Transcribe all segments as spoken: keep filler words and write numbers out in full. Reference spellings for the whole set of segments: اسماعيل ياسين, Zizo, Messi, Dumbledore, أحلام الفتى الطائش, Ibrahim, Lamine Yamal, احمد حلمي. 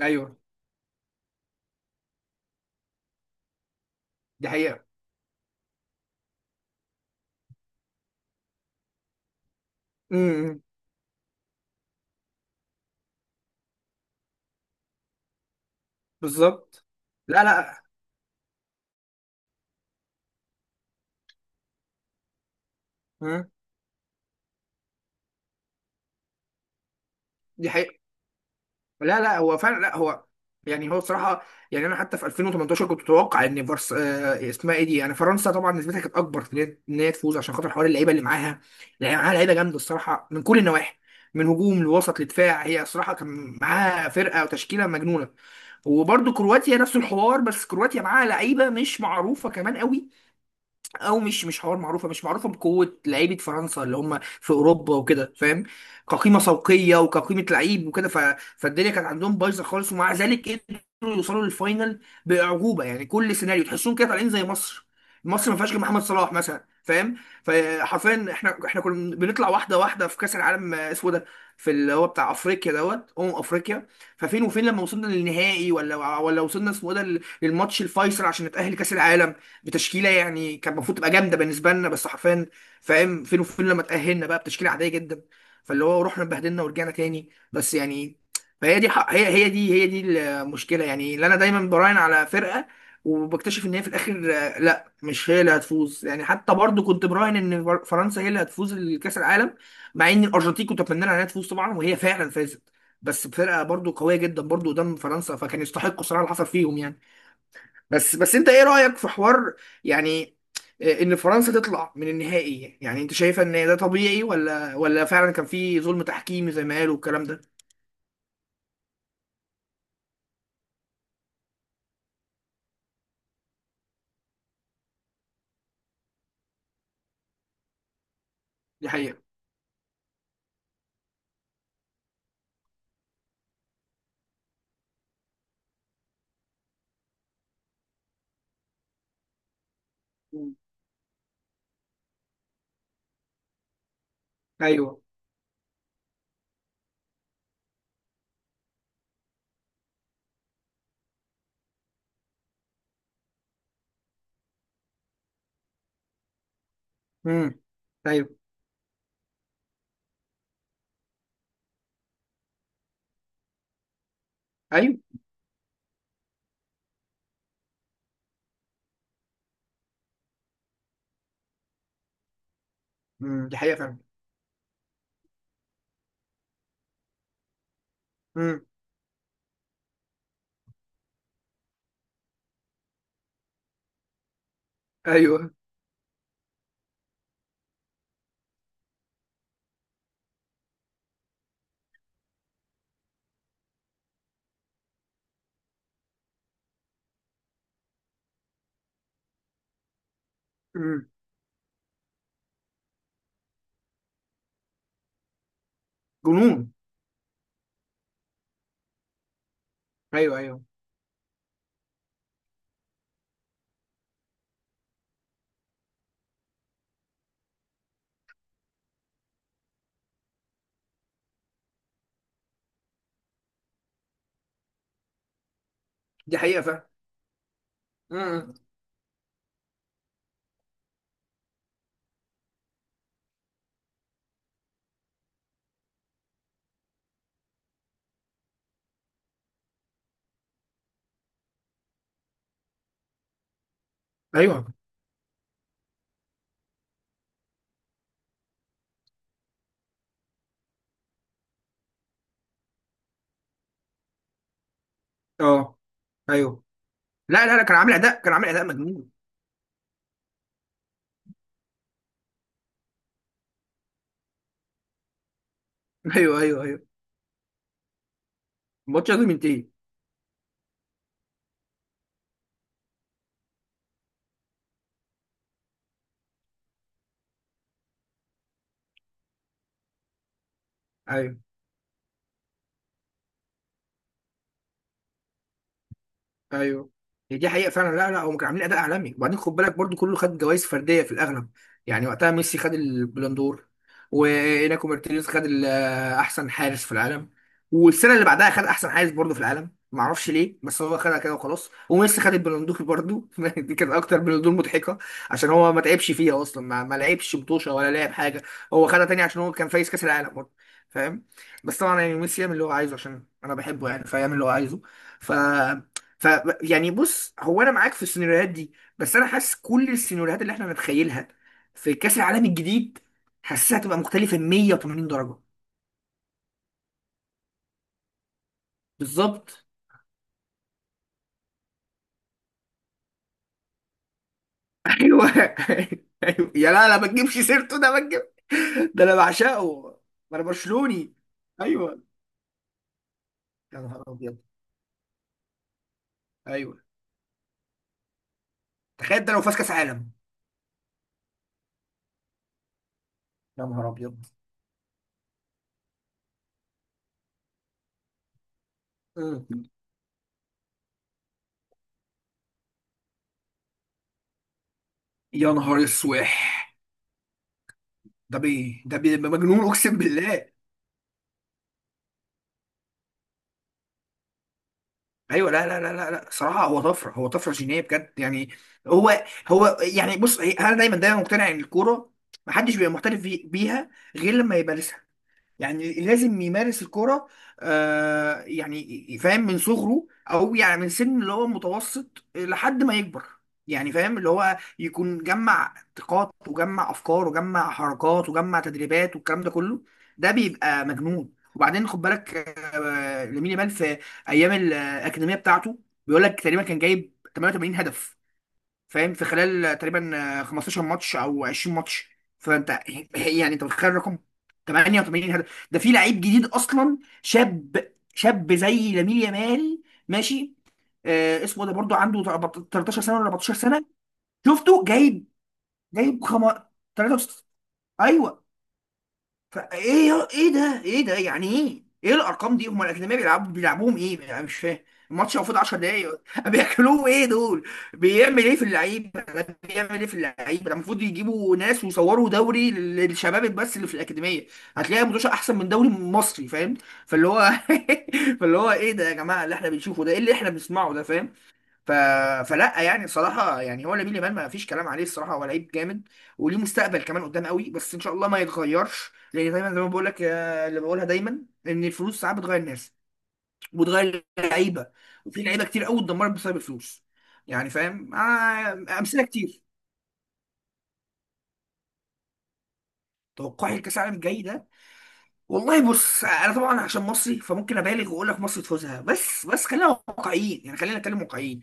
ايوه، دي حقيقه. امم. بالظبط. لا، لا. مم. دي حقيقه. لا، لا، هو فعلا. لا، هو يعني هو بصراحه. يعني انا حتى في ألفين وتمنتاشر كنت متوقع ان فرس آه اسمها ايه دي، يعني فرنسا طبعا. نسبتها كانت اكبر في ان هي إن هي تفوز عشان خاطر حوار اللعيبه اللي معاها. اللي معاها لعيبه جامده الصراحه من كل النواحي، من هجوم لوسط لدفاع. هي الصراحه كان معاها فرقه وتشكيله مجنونه. وبرضه كرواتيا نفس الحوار، بس كرواتيا معاها لعيبه مش معروفه كمان قوي، او مش مش حوار معروفه، مش معروفه بقوه لعيبه فرنسا اللي هم في اوروبا وكده، فاهم؟ كقيمه سوقيه وكقيمه لعيب وكده. ف... فالدنيا كانت عندهم بايظه خالص، ومع ذلك قدروا يوصلوا للفاينل باعجوبه. يعني كل سيناريو تحسهم كده طالعين زي مصر. مصر ما فيهاش غير محمد صلاح مثلا، فاهم؟ فحرفيا احنا احنا كنا بنطلع واحده واحده في كاس العالم اسمه ده، في اللي هو بتاع افريقيا دوت امم افريقيا. ففين وفين لما وصلنا للنهائي، ولا ولا وصلنا اسمه ده للماتش الفيصل عشان نتاهل كاس العالم بتشكيله يعني كان المفروض تبقى جامده بالنسبه لنا، بس حرفيا فاهم فين وفين لما تاهلنا بقى بتشكيله عاديه جدا. فاللي هو رحنا اتبهدلنا ورجعنا تاني، بس يعني فهي دي حق هي هي دي هي دي المشكله. يعني اللي انا دايما براهن على فرقه وبكتشف ان هي في الاخر، آه، لا، مش هي اللي هتفوز. يعني حتى برضو كنت براهن ان فر- فرنسا هي اللي هتفوز الكاس العالم، مع ان الارجنتين كنت اتمنى لها انها تفوز طبعا، وهي فعلا فازت بس بفرقه برضو قويه جدا برضو قدام فرنسا، فكان يستحقوا صراحه اللي حصل فيهم يعني. بس بس انت ايه رأيك في حوار، يعني، آه، ان فرنسا تطلع من النهائي؟ يعني انت شايفه ان ده طبيعي، ولا ولا فعلا كان في ظلم تحكيمي زي ما قالوا الكلام ده؟ دي حقيقة. مم. ايوه. امم. ايوه. ايوه. امم. دي حقيقة فعلا. امم. ايوه. امم. جنون. ايوه، ايوه. دي حقيقة فعلا. امم. ايوه. اه. ايوه. لا، لا، لا، كان عامل اداء، كان عامل اداء مجنون. ايوه، ايوه، ايوه. الماتش لازم ينتهي. ايوه، ايوه. هي دي حقيقه فعلا. لا، لا، هم كانوا عاملين اداء عالمي. وبعدين خد بالك برضو كله خد جوائز فرديه في الاغلب. يعني وقتها ميسي خد البلندور، وإناكو مارتينيز خد ال- احسن حارس في العالم، والسنه اللي بعدها خد احسن حارس برضو في العالم، ما اعرفش ليه بس هو خدها كده وخلاص. وميسي خد البلندور برضو دي كانت اكتر بلندور مضحكه، عشان هو ما تعبش فيها اصلا، ما, ما لعبش مطوشه ولا لعب حاجه. هو خدها تاني عشان هو كان فايز كاس العالم برضو، فاهم؟ بس طبعا يعني ميسي يعمل اللي هو عايزه عشان انا بحبه، يعني فيعمل اللي هو عايزه. ف ف يعني بص، هو انا معاك في السيناريوهات دي، بس انا حاسس كل السيناريوهات اللي احنا نتخيلها في كاس العالم الجديد حاسسها هتبقى مختلفه 180 درجه. بالظبط. ايوه أيوة. يا لا لا، ما تجيبش سيرته ده ما تجيب. ده انا بعشقه، ما انا برشلوني. ايوه. يا نهار ابيض. ايوه. تخيل ده لو فاز كاس عالم. يا نهار ابيض. مم. يا نهار اسوح. ده بيه، ده بيه مجنون اقسم بالله. ايوه. لا، لا، لا، لا، لا، صراحه هو طفره، هو طفره جينيه بجد يعني. هو هو يعني بص هي- انا دايما دايما مقتنع ان الكوره ما حدش بيبقى محترف بي- بيها غير لما يبقى، يعني لازم يمارس الكرة. آه يعني فاهم من صغره، او يعني من سن اللي هو متوسط لحد ما يكبر، يعني فاهم اللي هو يكون جمع طاقات وجمع افكار وجمع حركات وجمع تدريبات والكلام ده كله، ده بيبقى مجنون. وبعدين خد بالك، آه لامين يامال في ايام الاكاديميه بتاعته بيقول لك تقريبا كان جايب تمنية وتمانين هدف، فاهم؟ في خلال تقريبا آه، خمستاشر ماتش او عشرين ماتش. فانت يعني انت متخيل الرقم؟ تمنية وتمانين هدف ده في لعيب جديد اصلا، شاب شاب زي لامين يامال. ماشي. آه اسمه ده برضو عنده تلتاشر سنه ولا اربعتاشر سنه. شفته جايب، جايب خم... تلاتة وستين، ايوه. فايه يا- ايه ده، ايه ده يعني؟ ايه ايه الارقام دي؟ هم الاجنبيه بيلعبوا بيلعبوهم ايه؟ انا مش فاهم. الماتش المفروض 10 دقايق بياكلوه ايه دول؟ بيعمل ايه في اللعيبه ده، بيعمل ايه في اللعيبه ده؟ المفروض يجيبوا ناس ويصوروا دوري للشباب بس اللي في الاكاديميه، هتلاقي مدوشه احسن من دوري مصري، فاهم؟ فاللي هو فاللي هو ايه ده يا جماعه؟ اللي احنا بنشوفه ده ايه اللي احنا بنسمعه ده، فاهم؟ ف... فلا يعني صراحة يعني هو لامين يامال ما فيش كلام عليه الصراحة، هو لعيب جامد وليه مستقبل كمان قدام قوي. بس ان شاء الله ما يتغيرش، لان دايما زي ما بقول لك، آه، اللي بقولها دايما ان الفلوس ساعات بتغير الناس وبتغير اللعيبه، وفي لعيبه كتير قوي اتدمرت بسبب الفلوس. يعني فاهم، آه، امثله كتير. توقعي لكاس العالم الجاي ده، والله بص انا طبعا عشان مصري فممكن ابالغ واقول لك مصر تفوزها، بس بس خلينا واقعيين، يعني خلينا نتكلم واقعيين.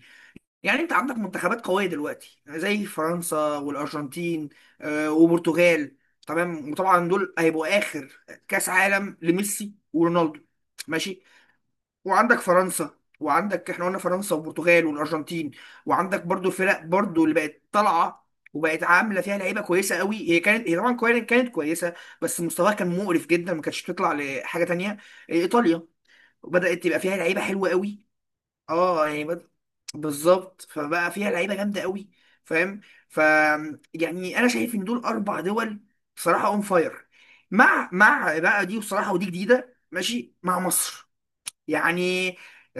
يعني انت عندك منتخبات قوية دلوقتي زي فرنسا والأرجنتين، آه، وبرتغال. تمام. وطبعا دول هيبقوا آخر كأس عالم لميسي ورونالدو. ماشي. وعندك فرنسا وعندك، احنا قلنا فرنسا وبرتغال والأرجنتين. وعندك برضو الفرق برضو اللي بقت طالعة وبقت عاملة فيها لعيبة كويسة قوي. هي كانت، هي طبعا كوي- كانت كويسة بس مستواها كان مقرف جدا، ما كانتش تطلع لحاجة تانية. آه، إيطاليا بدأت تبقى فيها لعيبة حلوة قوي. اه يعني بد... بالظبط، فبقى فيها لعيبه جامده قوي، فاهم؟ ف يعني انا شايف ان دول اربع دول بصراحه اون فاير، مع مع بقى دي بصراحه، ودي جديده، ماشي، مع مصر يعني.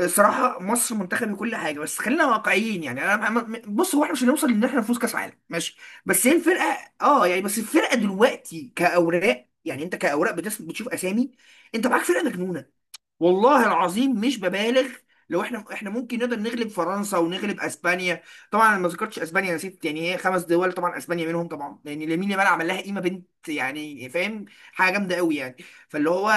صراحه مصر منتخب كل حاجه، بس خلينا واقعيين، يعني انا أنا- م- بص هو احنا مش هنوصل ان احنا نفوز كاس عالم، ماشي، بس هي الفرقه، اه يعني بس الفرقه دلوقتي كاوراق، يعني انت كاوراق بتس- بتشوف اسامي، انت معاك فرقه مجنونه، والله العظيم مش ببالغ. لو احنا احنا ممكن نقدر نغلب فرنسا ونغلب اسبانيا. طبعا انا ما ذكرتش اسبانيا، يا ست يعني هي خمس دول طبعا، اسبانيا منهم طبعا، لان لامين يامال عمل لها قيمه بنت يعني فاهم، حاجه جامده قوي يعني. فاللي هو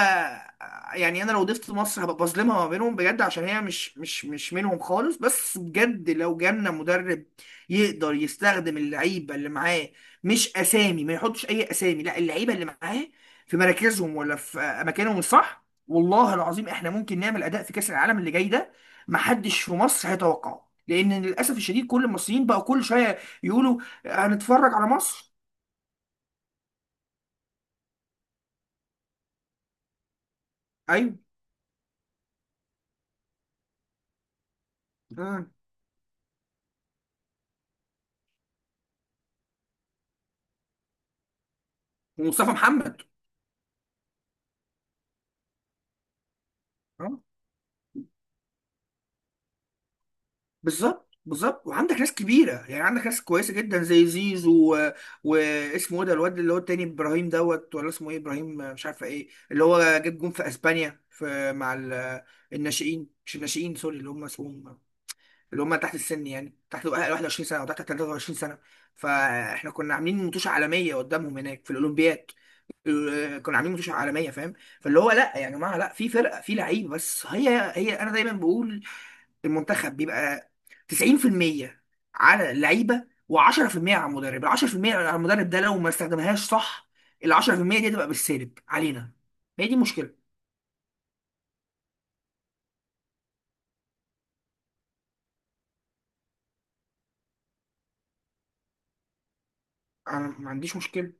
يعني انا لو ضفت مصر هبقى بظلمها ما بينهم بجد، عشان هي مش مش مش منهم خالص، بس بجد لو جالنا مدرب يقدر يستخدم اللعيبه اللي معاه، مش اسامي، ما يحطش اي اسامي، لا، اللعيبه اللي معاه في مراكزهم ولا في اماكنهم الصح، والله العظيم احنا ممكن نعمل اداء في كاس العالم اللي جاي ده محدش في مصر هيتوقعه، لان للاسف الشديد كل المصريين بقى كل شويه يقولوا هنتفرج على مصر. ايوه. آه. ومصطفى محمد. آه. بالظبط، بالظبط. وعندك ناس كبيره يعني عندك ناس كويسه جدا زي زيزو و... واسمه ايه ده الواد اللي هو التاني، ابراهيم دوت ولا اسمه ايه، ابراهيم، آه، مش عارفه ايه اللي هو جاب جون في اسبانيا في مع ال... الناشئين، مش الناشئين، سوري، اللي هم اسمهم، اللي هم تحت السن، يعني تحت 21 سنه او تحت 23 سنه. فاحنا كنا عاملين متوشه عالميه قدامهم هناك في الاولمبياد، ال- آه، كنا عاملين متوشه عالميه، فاهم؟ فاللي هو لا يعني يا جماعه، لا، في فرقه، في لعيب، بس هي، هي انا دايما بقول المنتخب بيبقى تسعين في المية على اللعيبه و10% على المدرب. ال عشرة في المية على المدرب ده لو ما استخدمهاش صح، ال عشرة في المية دي هتبقى بالسالب علينا، هي دي مشكله. انا ما عنديش مشكله.